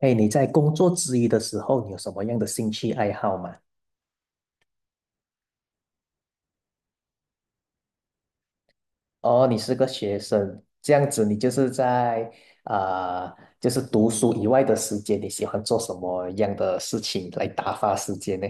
哎，你在工作之余的时候，你有什么样的兴趣爱好吗？哦，你是个学生，这样子你就是在读书以外的时间，你喜欢做什么样的事情来打发时间呢？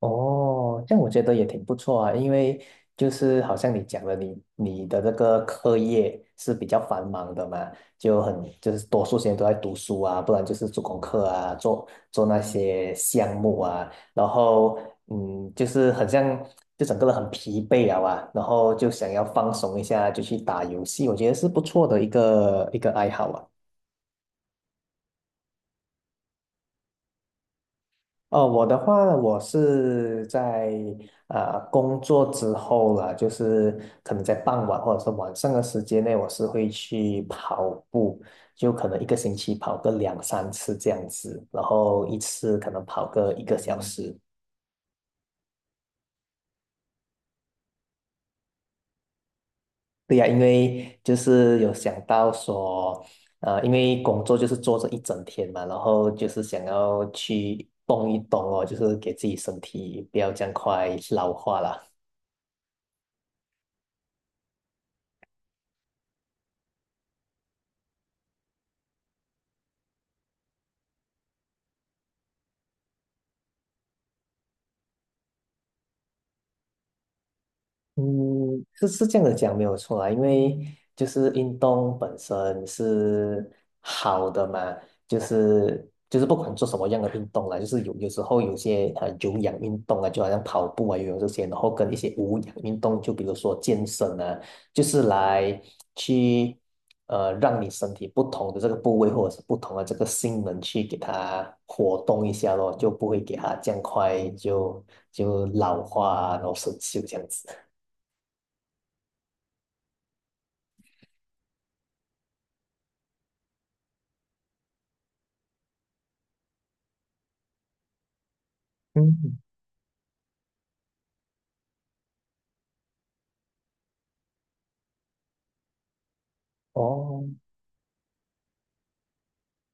哦，这样我觉得也挺不错啊，因为就是好像你讲的，你的这个课业是比较繁忙的嘛，就是多数时间都在读书啊，不然就是做功课啊，做那些项目啊，然后就是很像就整个人很疲惫啊，然后就想要放松一下，就去打游戏，我觉得是不错的一个爱好啊。哦，我的话，我是在工作之后了，就是可能在傍晚或者是晚上的时间内，我是会去跑步，就可能一个星期跑个两三次这样子，然后一次可能跑个一个小时。对呀，因为就是有想到说，因为工作就是坐着一整天嘛，然后就是想要去动一动哦，就是给自己身体不要这样快老化了。嗯，是是这样的讲没有错啦，因为就是运动本身是好的嘛，就是不管做什么样的运动啦，就是有时候有些有氧运动啊，就好像跑步啊、游泳这些，然后跟一些无氧运动，就比如说健身啊，就是来去让你身体不同的这个部位或者是不同的这个性能去给它活动一下咯，就不会给它这样快就老化啊，然后生锈这样子。嗯，哦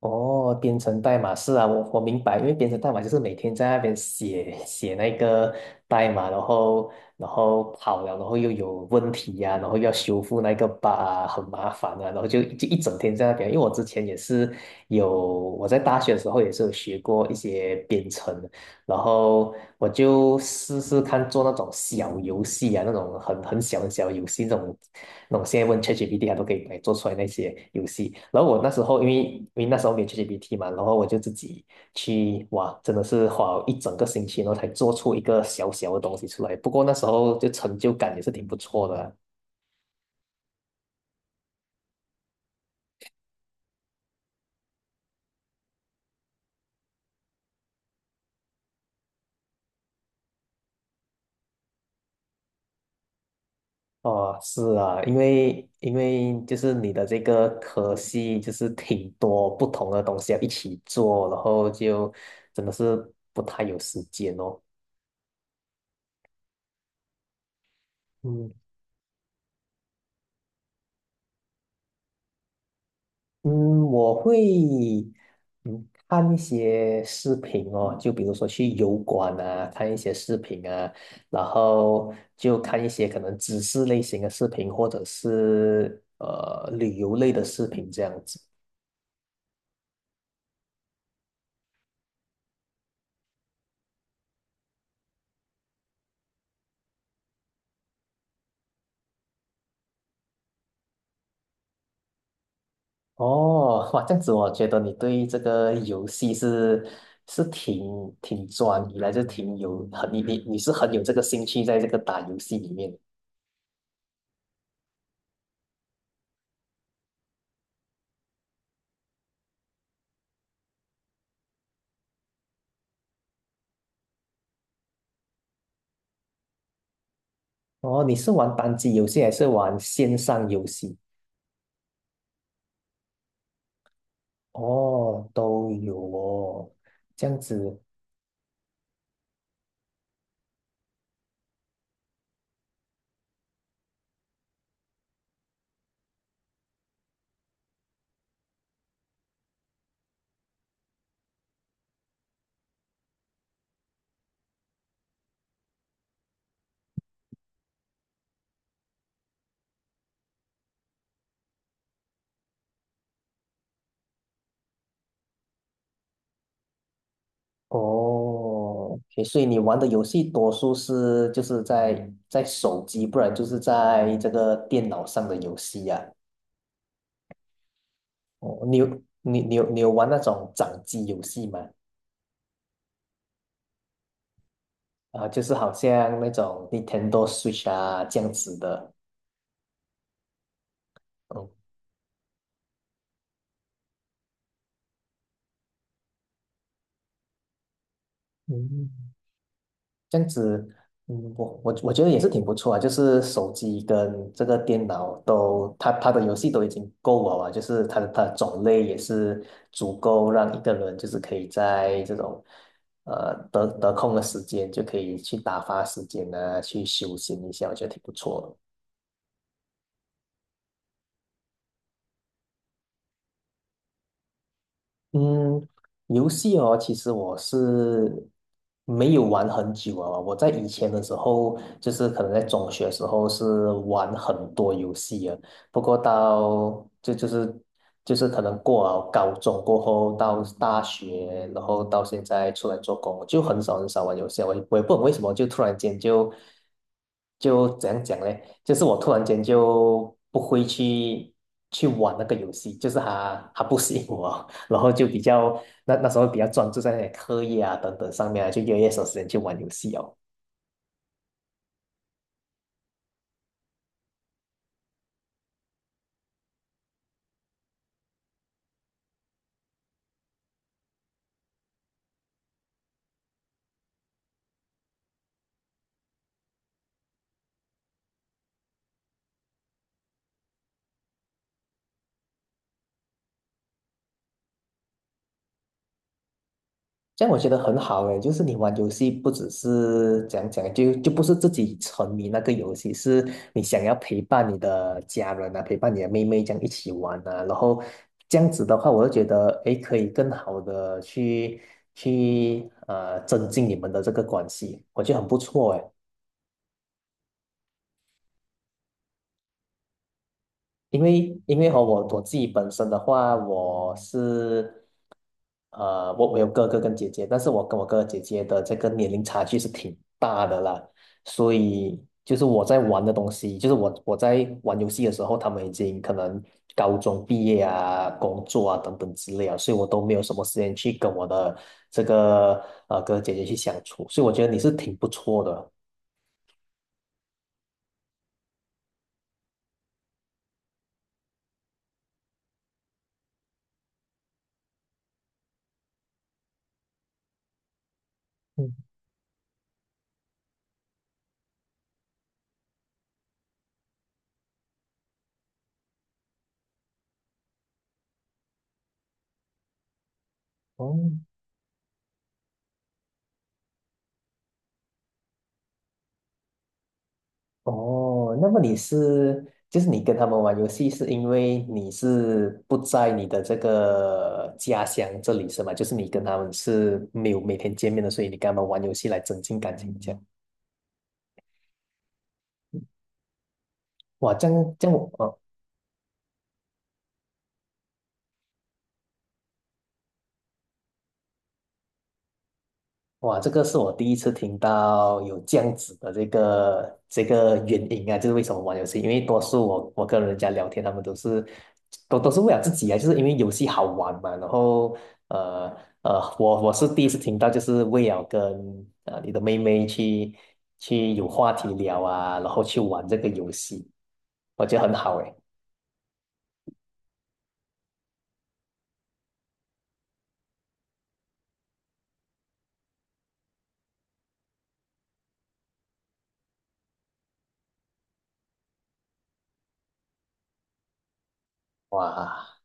哦，编程代码是啊，我明白，因为编程代码就是每天在那边写写那个代码，然后跑了，然后又有问题呀、然后要修复那个 bug 啊，很麻烦啊，然后就一整天在那边。因为我之前也是有我在大学的时候也是有学过一些编程，然后我就试试看做那种小游戏啊，那种很小很小的游戏，那种那我现在问 ChatGPT，它都可以来做出来那些游戏。然后我那时候因为那时候没有 ChatGPT 嘛，然后我就自己去哇，真的是花了一整个星期，然后才做出一个小小的东西出来。不过那时候就成就感也是挺不错的啊。哦，是啊，因为就是你的这个科系就是挺多不同的东西要一起做，然后就真的是不太有时间哦。嗯。嗯，我会嗯看一些视频哦，就比如说去油管啊，看一些视频啊，然后就看一些可能知识类型的视频，或者是旅游类的视频这样子。哦，哇，这样子我觉得你对这个游戏是挺专一来就挺有很你是很有这个兴趣在这个打游戏里面。哦，你是玩单机游戏还是玩线上游戏？哦，都有哦，这样子哦，OK，所以你玩的游戏多数是就是在手机，不然就是在这个电脑上的游戏呀、哦，你有你有玩那种掌机游戏吗？啊，就是好像那种 Nintendo Switch 啊这样子的。哦，嗯。这样子，嗯，我觉得也是挺不错啊，就是手机跟这个电脑都，它的游戏都已经够了啊，就是它的种类也是足够让一个人就是可以在这种得空的时间就可以去打发时间啊，去休闲一下，我觉得挺不错的。嗯，游戏哦，其实我是没有玩很久啊。我在以前的时候，就是可能在中学的时候是玩很多游戏啊。不过到就是可能过了高中过后，到大学，然后到现在出来做工，就很少很少玩游戏啊，我也不懂为什么，就突然间怎样讲呢？就是我突然间就不会去玩那个游戏，就是它不适应我。然后就比较那时候比较专注在那些课业啊等等上面啊，就越来越少时间去玩游戏哦。这样我觉得很好诶，就是你玩游戏不只是讲讲，就不是自己沉迷那个游戏，是你想要陪伴你的家人啊，陪伴你的妹妹这样一起玩啊，然后这样子的话，我就觉得诶，可以更好的去增进你们的这个关系，我觉得很不错诶。因为和我自己本身的话，我是我有哥哥跟姐姐，但是我跟我哥哥姐姐的这个年龄差距是挺大的啦，所以就是我在玩的东西，就是我在玩游戏的时候，他们已经可能高中毕业啊、工作啊等等之类啊，所以我都没有什么时间去跟我的这个哥哥姐姐去相处，所以我觉得你是挺不错的。嗯，哦，哦，那么你是，就是你跟他们玩游戏，是因为你是不在你的这个家乡这里是吗？就是你跟他们是没有每天见面的，所以你跟他们玩游戏来增进感情，这样。哇，这样这样我，哇，这个是我第一次听到有这样子的这个原因啊，就是为什么玩游戏？因为多数我跟人家聊天，他们都是都是为了自己啊，就是因为游戏好玩嘛。然后呃我是第一次听到，就是为了跟你的妹妹去有话题聊啊，然后去玩这个游戏，我觉得很好诶。哇，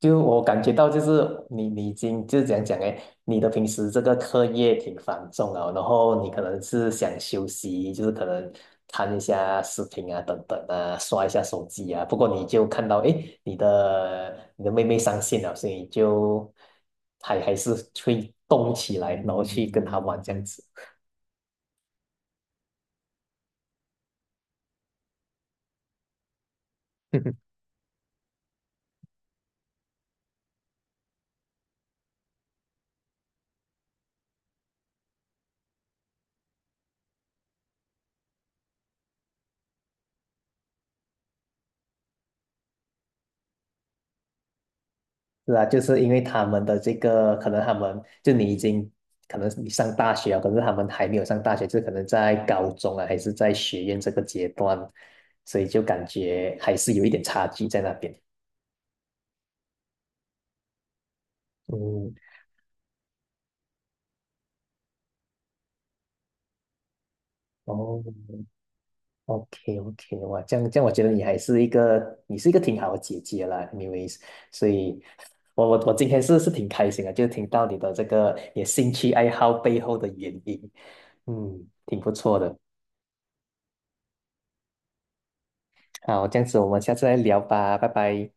就我感觉到，就是你已经就是样讲哎，你的平时这个课业挺繁重啊，然后你可能是想休息，就是可能看一下视频啊，等等啊，刷一下手机啊。不过你就看到哎，诶你的妹妹上线了，所以就还是会动起来，然后去跟她玩这样子。是啊，就是因为他们的这个，可能他们就你已经，可能你上大学了，可是他们还没有上大学，就可能在高中啊，还是在学院这个阶段，所以就感觉还是有一点差距在那边。嗯，哦，OK OK，哇，这样这样，我觉得你还是一个，你是一个挺好的姐姐啦，anyways，所以我今天是挺开心的，就听到你的这个也兴趣爱好背后的原因，嗯，挺不错的。好，这样子我们下次再聊吧，拜拜。